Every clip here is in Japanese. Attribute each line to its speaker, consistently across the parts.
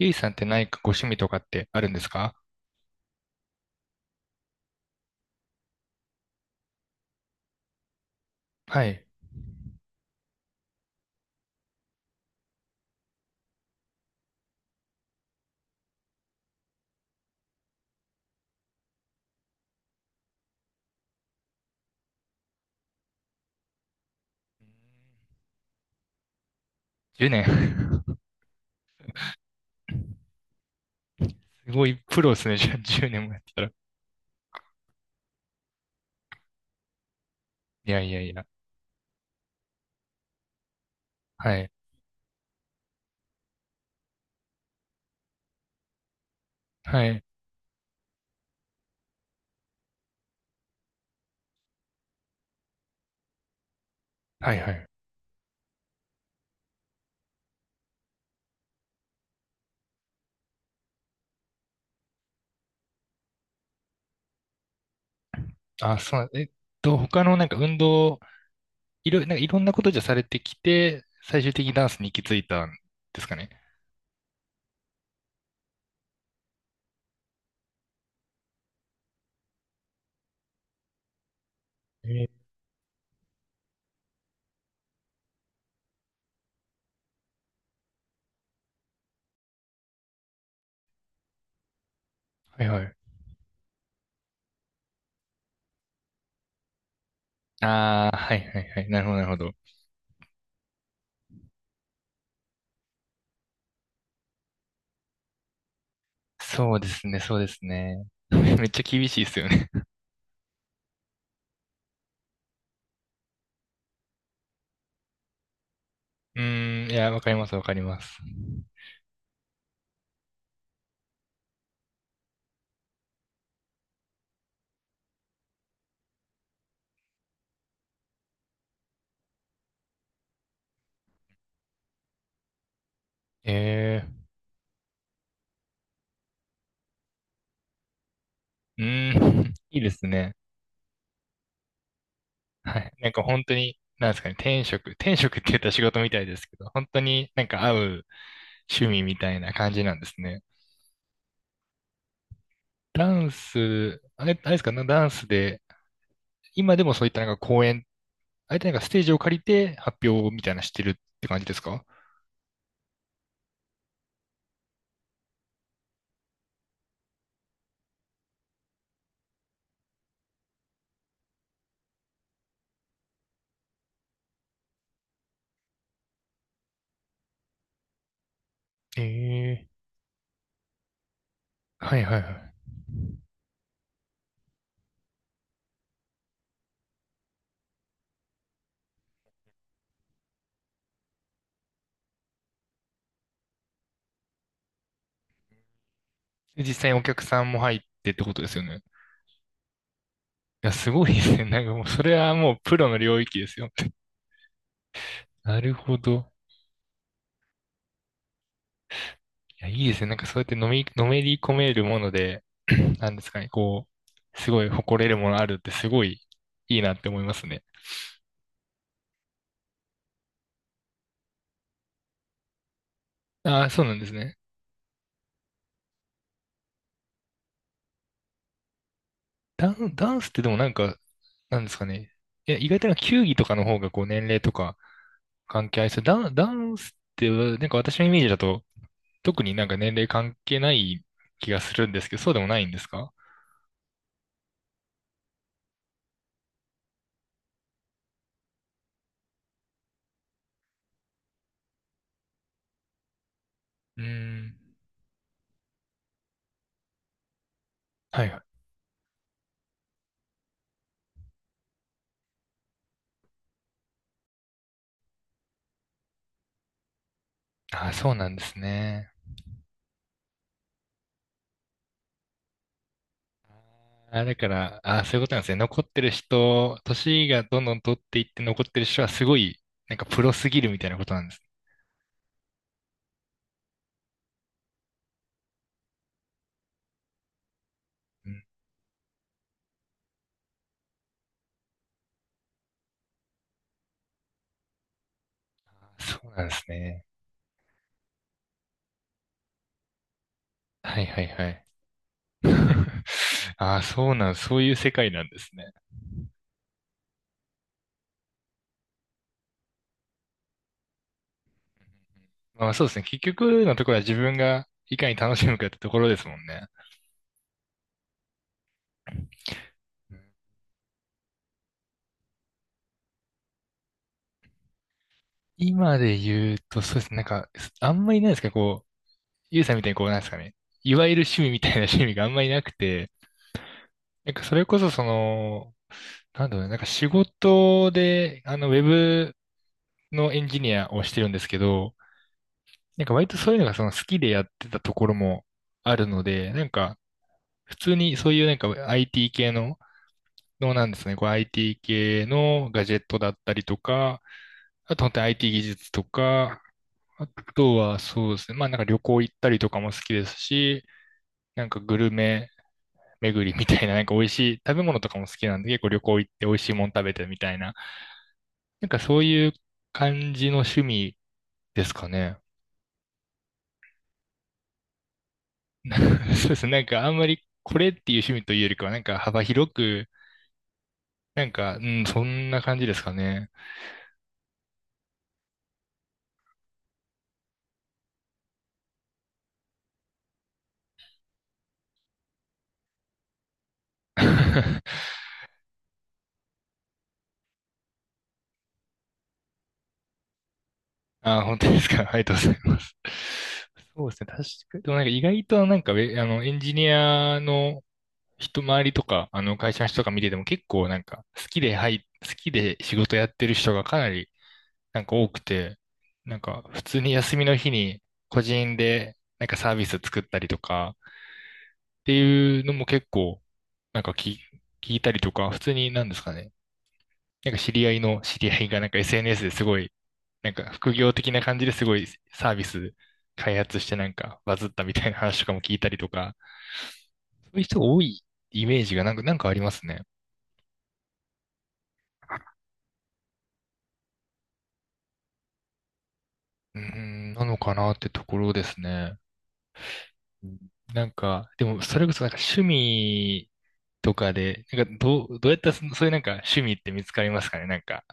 Speaker 1: ゆいさんって何かご趣味とかってあるんですか？はい。10年。すごいプロですね。じゃあ10年もやってたら。いやいやいや。はい。はい。はいはい。あ、そうなん、他のなんか運動、なんかいろんなことじゃされてきて、最終的にダンスに行き着いたんですかね。えー、はいはい。ああ、はいはいはい。なるほどなるほど。そうですね、そうですね。めっちゃ厳しいですよね。うーん、いや、わかりますわかります。えー、うーん、いいですね。はい。なんか本当に、なんですかね、天職、天職って言ったら仕事みたいですけど、本当になんか合う趣味みたいな感じなんですね。ダンス、あれ、あれですかね、ダンスで、今でもそういったなんか公演、あえてなんかステージを借りて発表みたいなのしてるって感じですか？ええー、はいはいはい。で実際にお客さんも入ってってことですよね。いや、すごいですね。なんかもう、それはもうプロの領域ですよ。なるほど。いや、いいですね。なんかそうやってのめり込めるもので、なんですかね、こう、すごい誇れるものあるってすごいいいなって思いますね。ああ、そうなんですね。ダンスってでもなんか、なんですかね。いや、意外となんか球技とかの方がこう年齢とか関係ありそう。ダンスってなんか私のイメージだと特になんか年齢関係ない気がするんですけど、そうでもないんですか？うーん。はいはい。ああ、そうなんですね。あー、だから、あー、そういうことなんですね。残ってる人、年がどんどん取っていって残ってる人はすごい、なんかプロすぎるみたいなことなんです。うん、あー、そうなんですね。はいはいはい。ああ、そうなん、そういう世界なんですね。まあそうですね。結局のところは自分がいかに楽しむかってところですもんね。うん。今で言うと、そうですね。なんか、あんまりないですか、こう、ゆうさんみたいにこう、なんですかね。いわゆる趣味みたいな趣味があんまりなくて、なんかそれこそその、なんだろうね、なんか仕事で、ウェブのエンジニアをしてるんですけど、なんか割とそういうのがその好きでやってたところもあるので、なんか普通にそういうなんか IT 系の、のなんですね、こう IT 系のガジェットだったりとか、あと本当に IT 技術とか、あとはそうですね、まあなんか旅行行ったりとかも好きですし、なんかグルメ巡りみたいな、なんか美味しい食べ物とかも好きなんで、結構旅行行って美味しいもん食べてみたいな、なんかそういう感じの趣味ですかね。そうですね。なんかあんまりこれっていう趣味というよりかは、なんか幅広く、なんか、うん、そんな感じですかね。あ、本当ですか。ありがとうございます。そうですね。確かに。でもなんか意外となんかウェ、エンジニアの人周りとか、会社の人とか見てても結構なんか好きで、はい、好きで仕事やってる人がかなりなんか多くて、なんか普通に休みの日に個人でなんかサービス作ったりとかっていうのも結構なんか、聞いたりとか、普通になんですかね。なんか知り合いの知り合いがなんか SNS ですごい、なんか副業的な感じですごいサービス開発してなんかバズったみたいな 話とかも聞いたりとか、そういう人が多いイメージがなんか、なんかありますね。うーん、なのかなってところですね。うん、なんか、でもそれこそなんか趣味とかで、どうやったらそういうなんか趣味って見つかりますかねなんか、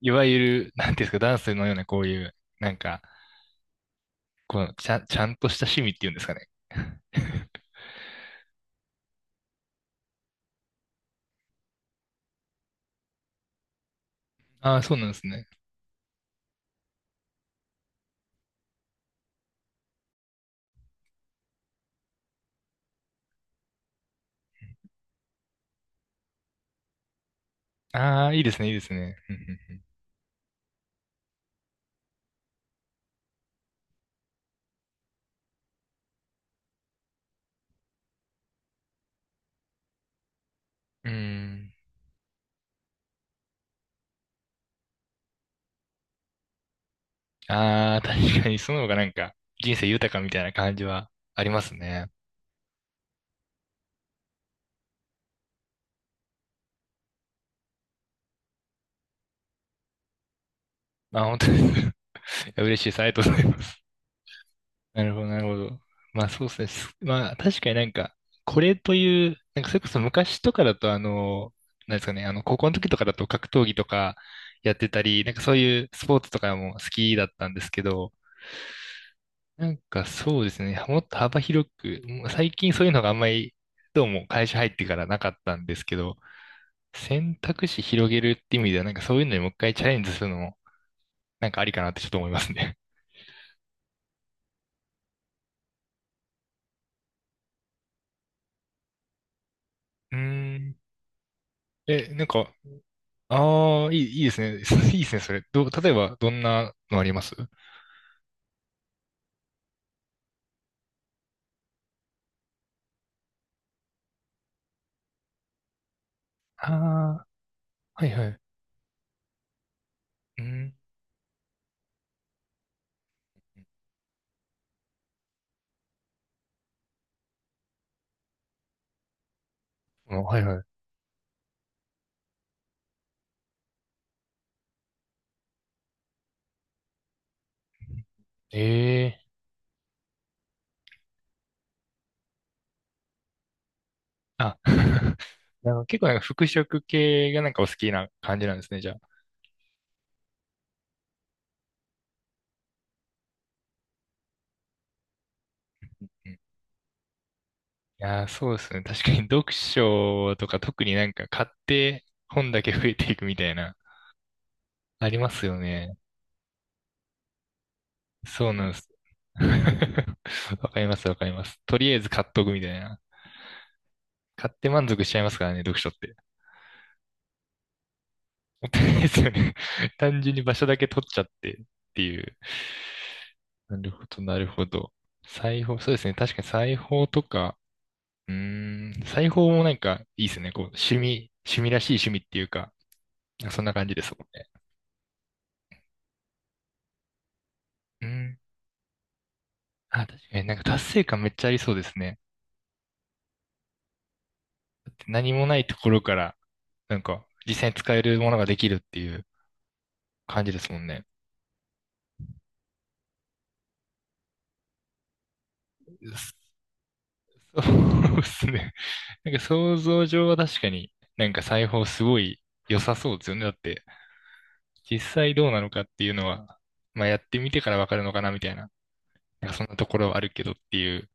Speaker 1: いわゆる、なんていうんですか、ダンスのようなこういう、なんか、このちゃん、ちゃんとした趣味っていうんですかね。ああ、そうなんですね。ああ、いいですね、いいですね。うん。うんうんうん。ああー、確かにその方がなんか、人生豊かみたいな感じはありますね。あ、本当に？ いや嬉しいです。ありがとうございます。なるほど、なるほど。まあそうですね。す、まあ確かになんか、これという、なんかそれこそ昔とかだとなんですかね、高校の時とかだと格闘技とかやってたり、なんかそういうスポーツとかも好きだったんですけど、なんかそうですね、もっと幅広く、もう最近そういうのがあんまり、どうも会社入ってからなかったんですけど、選択肢広げるって意味では、なんかそういうのにもう一回チャレンジするのも、なんかありかなってちょっと思いますね。うーん。え、なんか、ああ、いい、いいですね。いいですね、それ。どう、例えば、どんなのあります？ああー、はいはい。うん。あ、はいはい。ええ、あ、なんか結構なんか服飾系がなんかお好きな感じなんですね、じゃあ。うん、いやー、そうですね。確かに 読書とか特になんか買って本だけ増えていくみたいな、ありますよね。そうなんです。わかります、わかります。とりあえず買っとくみたいな。買って満足しちゃいますからね、読書って。もったいないですよね。単純に場所だけ取っちゃってっていう。なるほど、なるほど。裁縫、そうですね。確かに裁縫とか、うーん、裁縫もなんかいいですね。こう、趣味、趣味らしい趣味っていうか、そんな感じですもんね。うん。あ、確かになんか達成感めっちゃありそうですね。何もないところから、なんか実際に使えるものができるっていう感じですもんね。そうですね。なんか想像上は確かになんか裁縫すごい良さそうですよね。だって実際どうなのかっていうのは、まあやってみてからわかるのかなみたいな、なんかそんなところはあるけどっていう